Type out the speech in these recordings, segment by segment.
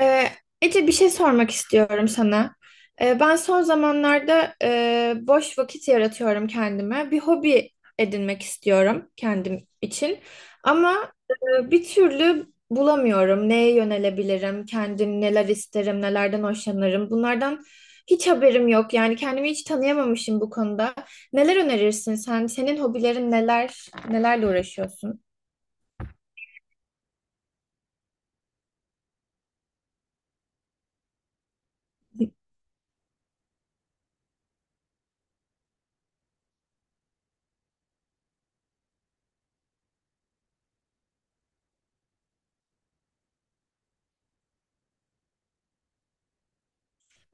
Ee, Ece bir şey sormak istiyorum sana. Ben son zamanlarda boş vakit yaratıyorum kendime. Bir hobi edinmek istiyorum kendim için. Ama bir türlü bulamıyorum. Neye yönelebilirim? Kendim neler isterim? Nelerden hoşlanırım? Bunlardan hiç haberim yok. Yani kendimi hiç tanıyamamışım bu konuda. Neler önerirsin sen? Senin hobilerin neler? Nelerle uğraşıyorsun?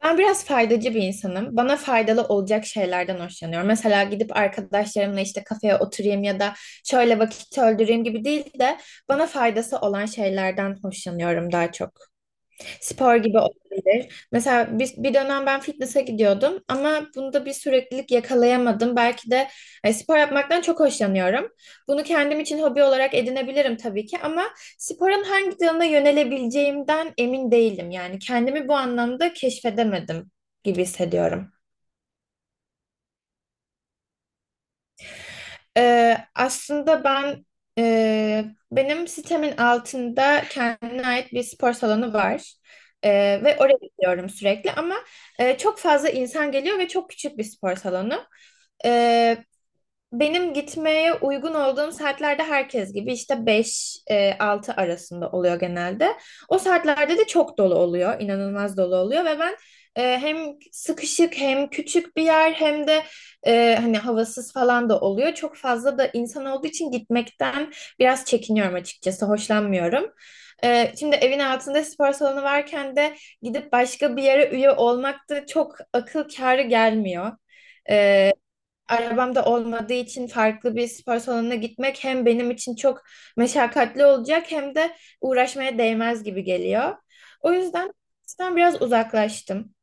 Ben biraz faydacı bir insanım. Bana faydalı olacak şeylerden hoşlanıyorum. Mesela gidip arkadaşlarımla işte kafeye oturayım ya da şöyle vakit öldüreyim gibi değil de bana faydası olan şeylerden hoşlanıyorum daha çok. Spor gibi olabilir. Mesela bir dönem ben fitness'a gidiyordum ama bunda bir süreklilik yakalayamadım. Belki de spor yapmaktan çok hoşlanıyorum. Bunu kendim için hobi olarak edinebilirim tabii ki ama sporun hangi dalına yönelebileceğimden emin değilim. Yani kendimi bu anlamda keşfedemedim gibi hissediyorum. Aslında ben e, benim sitemin altında kendine ait bir spor salonu var. Ve oraya gidiyorum sürekli ama çok fazla insan geliyor ve çok küçük bir spor salonu. Benim gitmeye uygun olduğum saatlerde herkes gibi işte 5-6 arasında oluyor genelde. O saatlerde de çok dolu oluyor, inanılmaz dolu oluyor ve ben hem sıkışık hem küçük bir yer hem de hani havasız falan da oluyor. Çok fazla da insan olduğu için gitmekten biraz çekiniyorum açıkçası, hoşlanmıyorum. Şimdi evin altında spor salonu varken de gidip başka bir yere üye olmak da çok akıl kârı gelmiyor, arabam da olmadığı için farklı bir spor salonuna gitmek hem benim için çok meşakkatli olacak hem de uğraşmaya değmez gibi geliyor. O yüzden ben biraz uzaklaştım.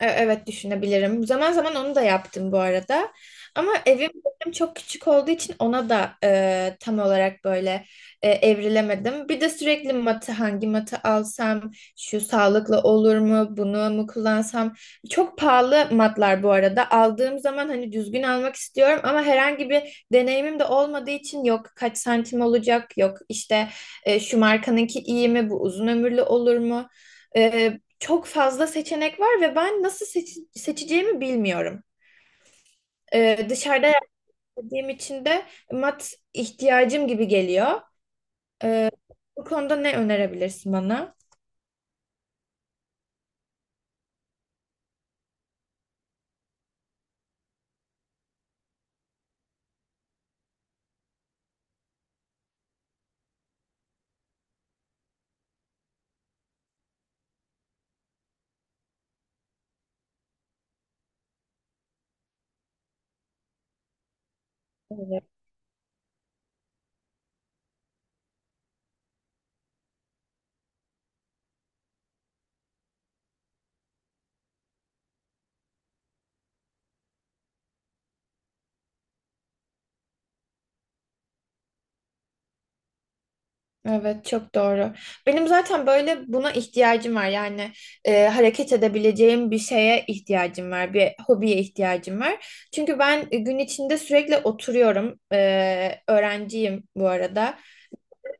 Evet, düşünebilirim. Zaman zaman onu da yaptım bu arada. Ama evim benim çok küçük olduğu için ona da tam olarak böyle evrilemedim. Bir de sürekli matı, hangi matı alsam, şu sağlıklı olur mu, bunu mu kullansam. Çok pahalı matlar bu arada. Aldığım zaman hani düzgün almak istiyorum ama herhangi bir deneyimim de olmadığı için yok kaç santim olacak, yok işte şu markanınki iyi mi, bu uzun ömürlü olur mu? E, Çok fazla seçenek var ve ben nasıl seçeceğimi bilmiyorum. Dışarıda yaşadığım için de mat ihtiyacım gibi geliyor. Ee, Bu konuda ne önerebilirsin bana? Evet. Evet, çok doğru. Benim zaten böyle buna ihtiyacım var. Yani hareket edebileceğim bir şeye ihtiyacım var, bir hobiye ihtiyacım var. Çünkü ben gün içinde sürekli oturuyorum. Öğrenciyim bu arada.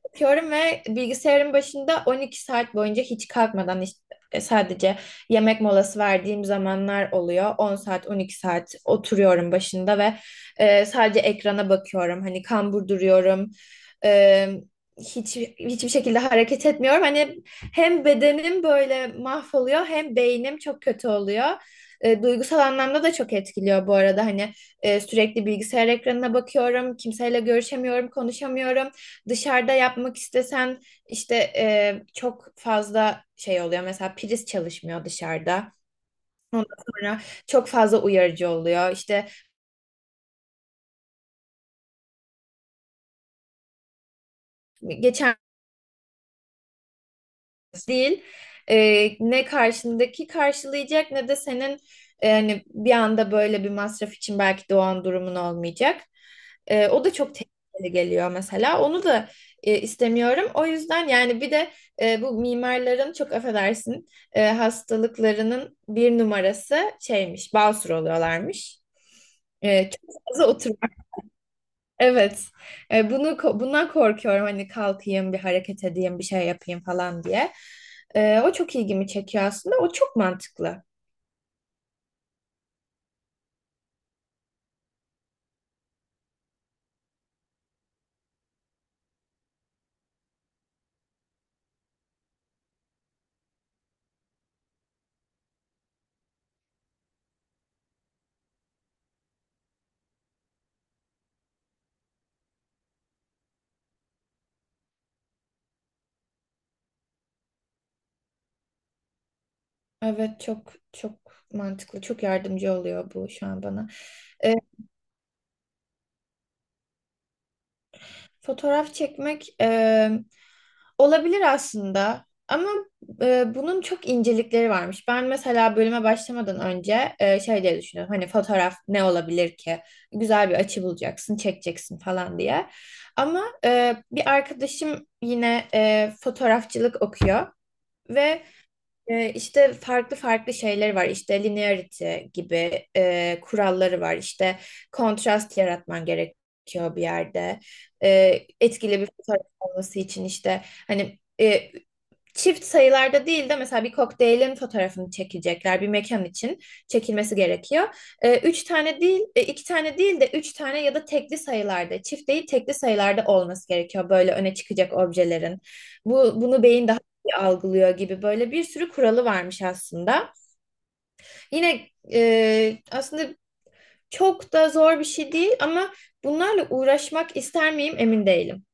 Yatıyorum ve bilgisayarın başında 12 saat boyunca hiç kalkmadan işte sadece yemek molası verdiğim zamanlar oluyor. 10 saat, 12 saat oturuyorum başında ve sadece ekrana bakıyorum. Hani kambur duruyorum. E, hiçbir şekilde hareket etmiyorum. Hani hem bedenim böyle mahvoluyor hem beynim çok kötü oluyor. Duygusal anlamda da çok etkiliyor bu arada. Hani sürekli bilgisayar ekranına bakıyorum. Kimseyle görüşemiyorum, konuşamıyorum. Dışarıda yapmak istesen işte çok fazla şey oluyor. Mesela priz çalışmıyor dışarıda. Ondan sonra çok fazla uyarıcı oluyor. İşte geçen değil. Ne karşındaki karşılayacak ne de senin hani bir anda böyle bir masraf için belki doğan durumun olmayacak. O da çok tehlikeli geliyor mesela. Onu da istemiyorum. O yüzden yani bir de bu mimarların çok affedersin hastalıklarının bir numarası şeymiş, basur oluyorlarmış. E, çok fazla otur Evet. Bundan korkuyorum hani kalkayım bir hareket edeyim bir şey yapayım falan diye. O çok ilgimi çekiyor aslında. O çok mantıklı. Evet, çok çok mantıklı. Çok yardımcı oluyor bu şu an bana. E, Fotoğraf çekmek olabilir aslında ama bunun çok incelikleri varmış. Ben mesela bölüme başlamadan önce şey diye düşünüyorum. Hani fotoğraf ne olabilir ki? Güzel bir açı bulacaksın, çekeceksin falan diye. Ama bir arkadaşım yine fotoğrafçılık okuyor ve işte farklı farklı şeyler var. İşte linearity gibi kuralları var. İşte kontrast yaratman gerekiyor bir yerde. Etkili bir fotoğraf olması için işte hani çift sayılarda değil de mesela bir kokteylin fotoğrafını çekecekler, bir mekan için çekilmesi gerekiyor. Üç tane değil, iki tane değil de üç tane ya da tekli sayılarda, çift değil tekli sayılarda olması gerekiyor böyle öne çıkacak objelerin. Bunu beyin daha iyi algılıyor gibi böyle bir sürü kuralı varmış aslında. Yine aslında çok da zor bir şey değil ama bunlarla uğraşmak ister miyim emin değilim.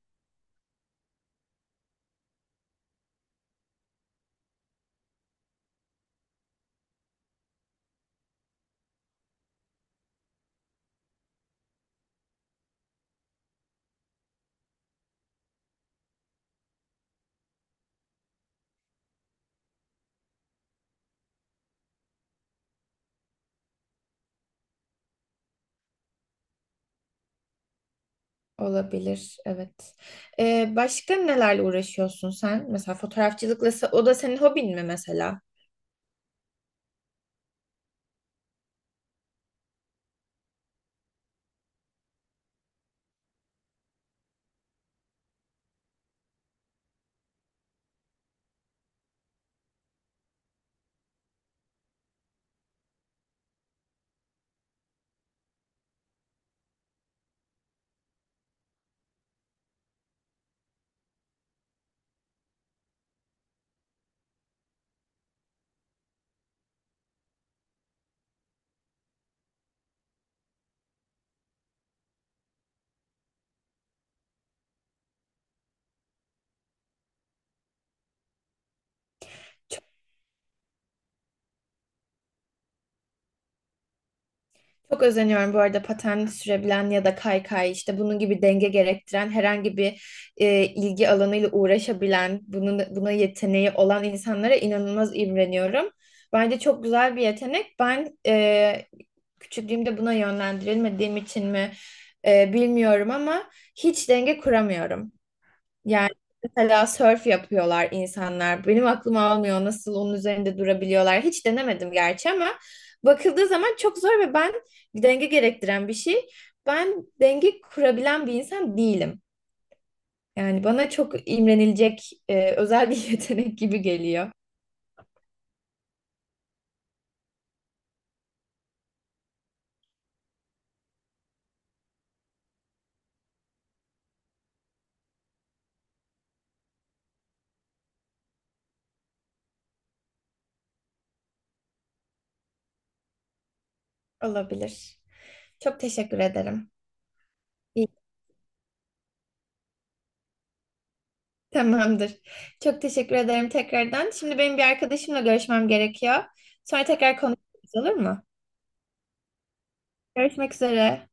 Olabilir, evet. Başka nelerle uğraşıyorsun sen? Mesela fotoğrafçılıkla, o da senin hobin mi mesela? Çok özeniyorum bu arada paten sürebilen ya da kaykay işte bunun gibi denge gerektiren herhangi bir ilgi alanıyla uğraşabilen, bunun buna yeteneği olan insanlara inanılmaz imreniyorum. Bence çok güzel bir yetenek. Ben küçüklüğümde buna yönlendirilmediğim için mi bilmiyorum ama hiç denge kuramıyorum. Yani mesela surf yapıyorlar insanlar. Benim aklım almıyor nasıl onun üzerinde durabiliyorlar. Hiç denemedim gerçi ama bakıldığı zaman çok zor ve ben denge gerektiren bir şey. Ben denge kurabilen bir insan değilim. Yani bana çok imrenilecek özel bir yetenek gibi geliyor. Olabilir. Çok teşekkür ederim. İyi, tamamdır. Çok teşekkür ederim tekrardan. Şimdi benim bir arkadaşımla görüşmem gerekiyor. Sonra tekrar konuşuruz, olur mu? Görüşmek üzere.